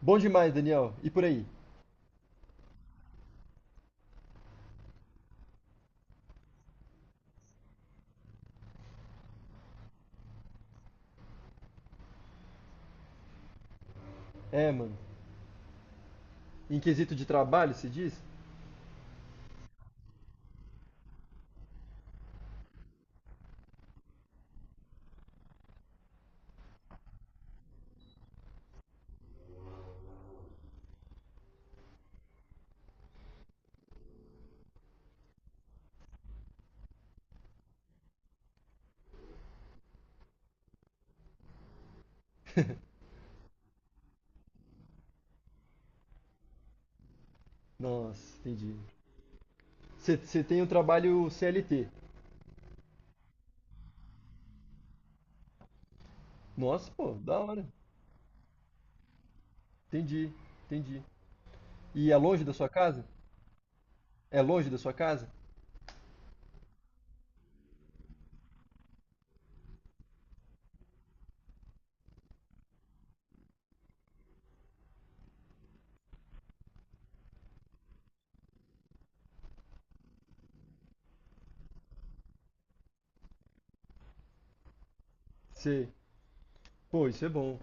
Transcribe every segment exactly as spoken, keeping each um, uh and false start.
Bom demais, Daniel. E por aí? É, mano. Em quesito de trabalho, se diz? Nossa, entendi. Você tem um trabalho C L T. Nossa, pô, da hora. Entendi, entendi. E é longe da sua casa? É longe da sua casa? Sei. Pô, isso é bom.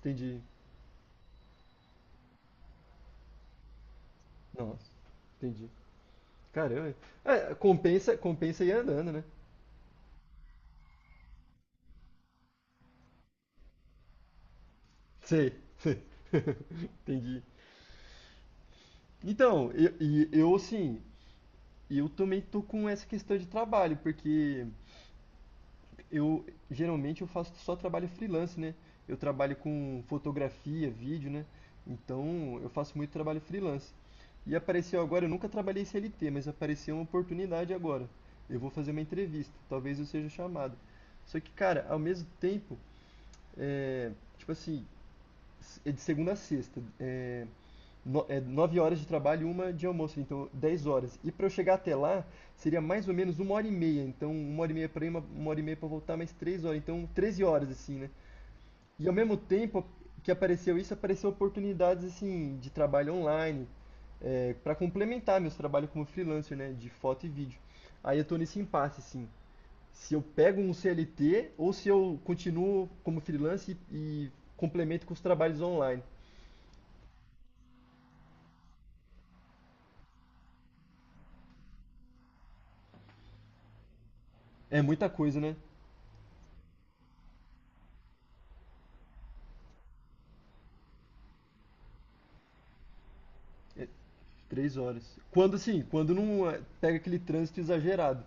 Entendi. Nossa, entendi. Caramba. É, compensa, compensa ir andando, né? Sei. Entendi. Então, eu, e eu assim, eu também tô com essa questão de trabalho, porque Eu geralmente eu faço só trabalho freelance, né? Eu trabalho com fotografia, vídeo, né? Então eu faço muito trabalho freelance. E apareceu agora, eu nunca trabalhei C L T, mas apareceu uma oportunidade agora. Eu vou fazer uma entrevista, talvez eu seja chamado. Só que, cara, ao mesmo tempo, é, tipo assim, é de segunda a sexta. É, no, é, nove horas de trabalho e uma de almoço, então dez horas. E para eu chegar até lá, seria mais ou menos uma hora e meia. Então, uma hora e meia para ir, uma, uma hora e meia para voltar, mais três horas. Então, treze horas, assim, né? E ao mesmo tempo que apareceu isso, apareceu oportunidades, assim, de trabalho online, é, para complementar meus trabalhos como freelancer, né? De foto e vídeo. Aí eu tô nesse impasse, assim. Se eu pego um C L T ou se eu continuo como freelancer e, e complemento com os trabalhos online. É muita coisa, né? Três horas. Quando assim, quando não é, pega aquele trânsito exagerado.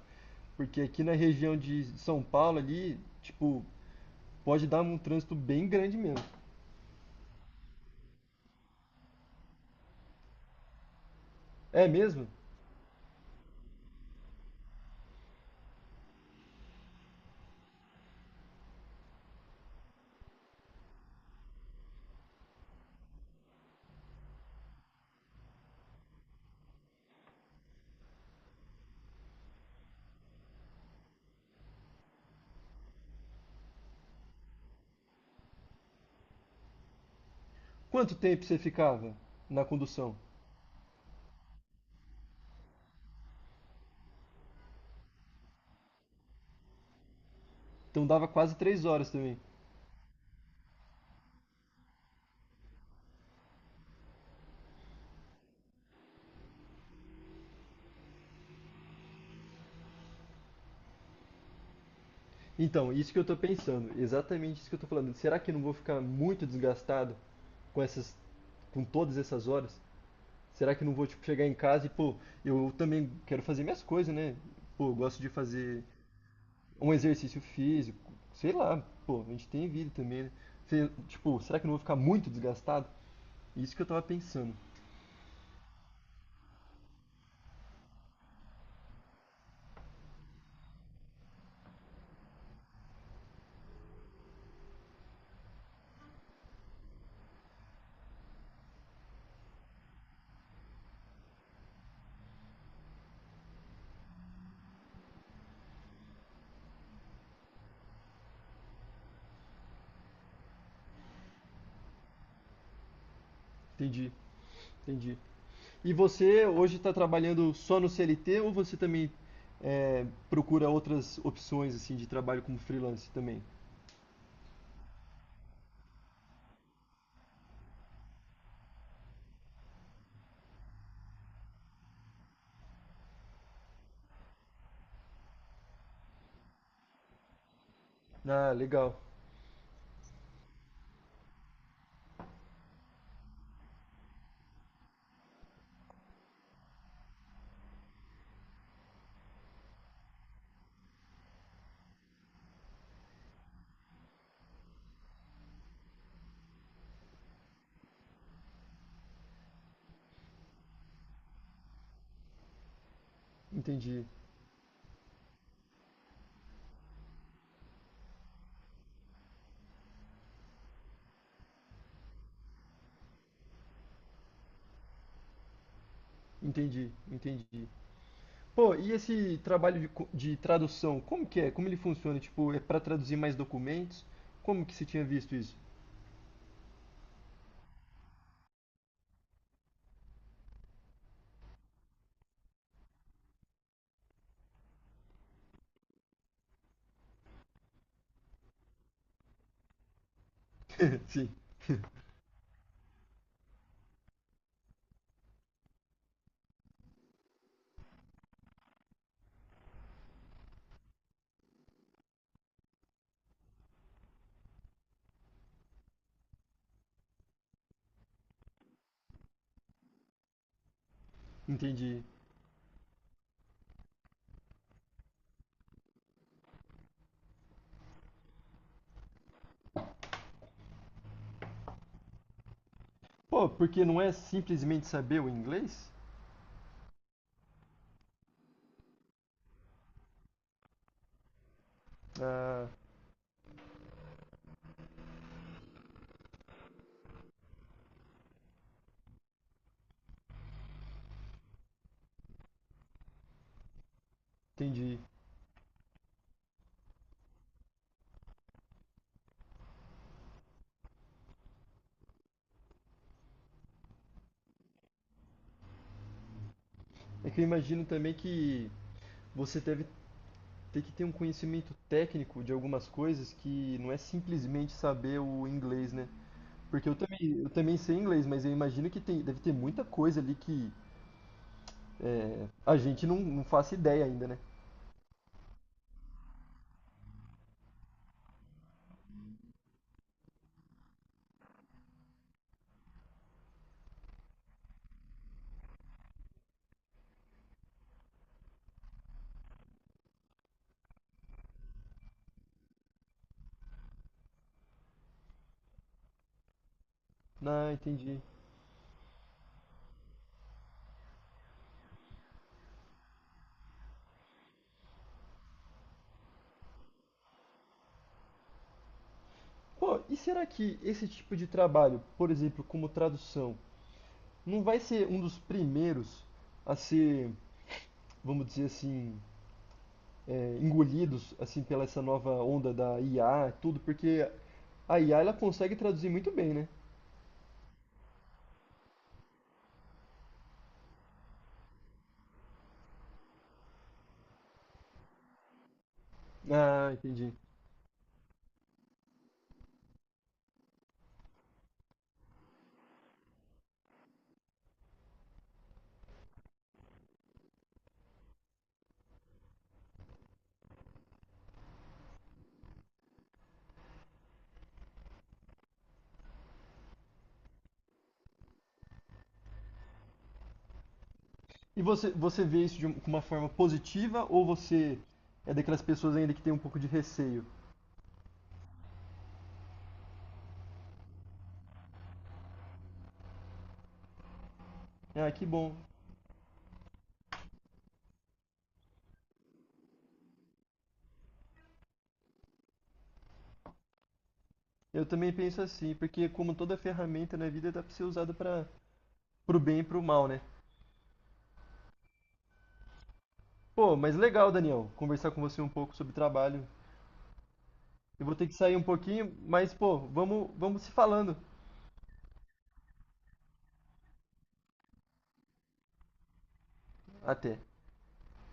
Porque aqui na região de São Paulo ali, tipo, pode dar um trânsito bem grande mesmo. É mesmo? Quanto tempo você ficava na condução? Então dava quase três horas também. Então, isso que eu tô pensando, exatamente isso que eu tô falando. Será que eu não vou ficar muito desgastado com essas, com todas essas horas? Será que eu não vou, tipo, chegar em casa e, pô, eu também quero fazer minhas coisas, né? Pô, eu gosto de fazer um exercício físico, sei lá, pô, a gente tem vida também, né? Sei- tipo, será que eu não vou ficar muito desgastado? Isso que eu tava pensando. Entendi, entendi. E você hoje está trabalhando só no C L T ou você também é, procura outras opções assim de trabalho como freelance também? Ah, legal. Entendi, entendi, entendi. Pô, e esse trabalho de, co- de tradução, como que é? Como ele funciona? Tipo, é para traduzir mais documentos? Como que você tinha visto isso? Sim, entendi. Pô, porque não é simplesmente saber o inglês? Ah, entendi. É que eu imagino também que você deve ter que ter um conhecimento técnico de algumas coisas que não é simplesmente saber o inglês, né? Porque eu também, eu também sei inglês, mas eu imagino que tem, deve ter muita coisa ali que é, a gente não, não faça ideia ainda, né? Ah, entendi. Pô, e será que esse tipo de trabalho, por exemplo, como tradução, não vai ser um dos primeiros a ser, vamos dizer assim, é, engolidos assim pela essa nova onda da I A, e tudo, porque a I A ela consegue traduzir muito bem, né? Ah, entendi. E você, você vê isso de um- uma forma positiva ou você é daquelas pessoas ainda que tem um pouco de receio? Ah, que bom. Eu também penso assim, porque como toda ferramenta na vida dá pra ser usada para pro bem e pro mal, né? Pô, mas legal, Daniel, conversar com você um pouco sobre trabalho. Eu vou ter que sair um pouquinho, mas pô, vamos, vamos se falando. Até.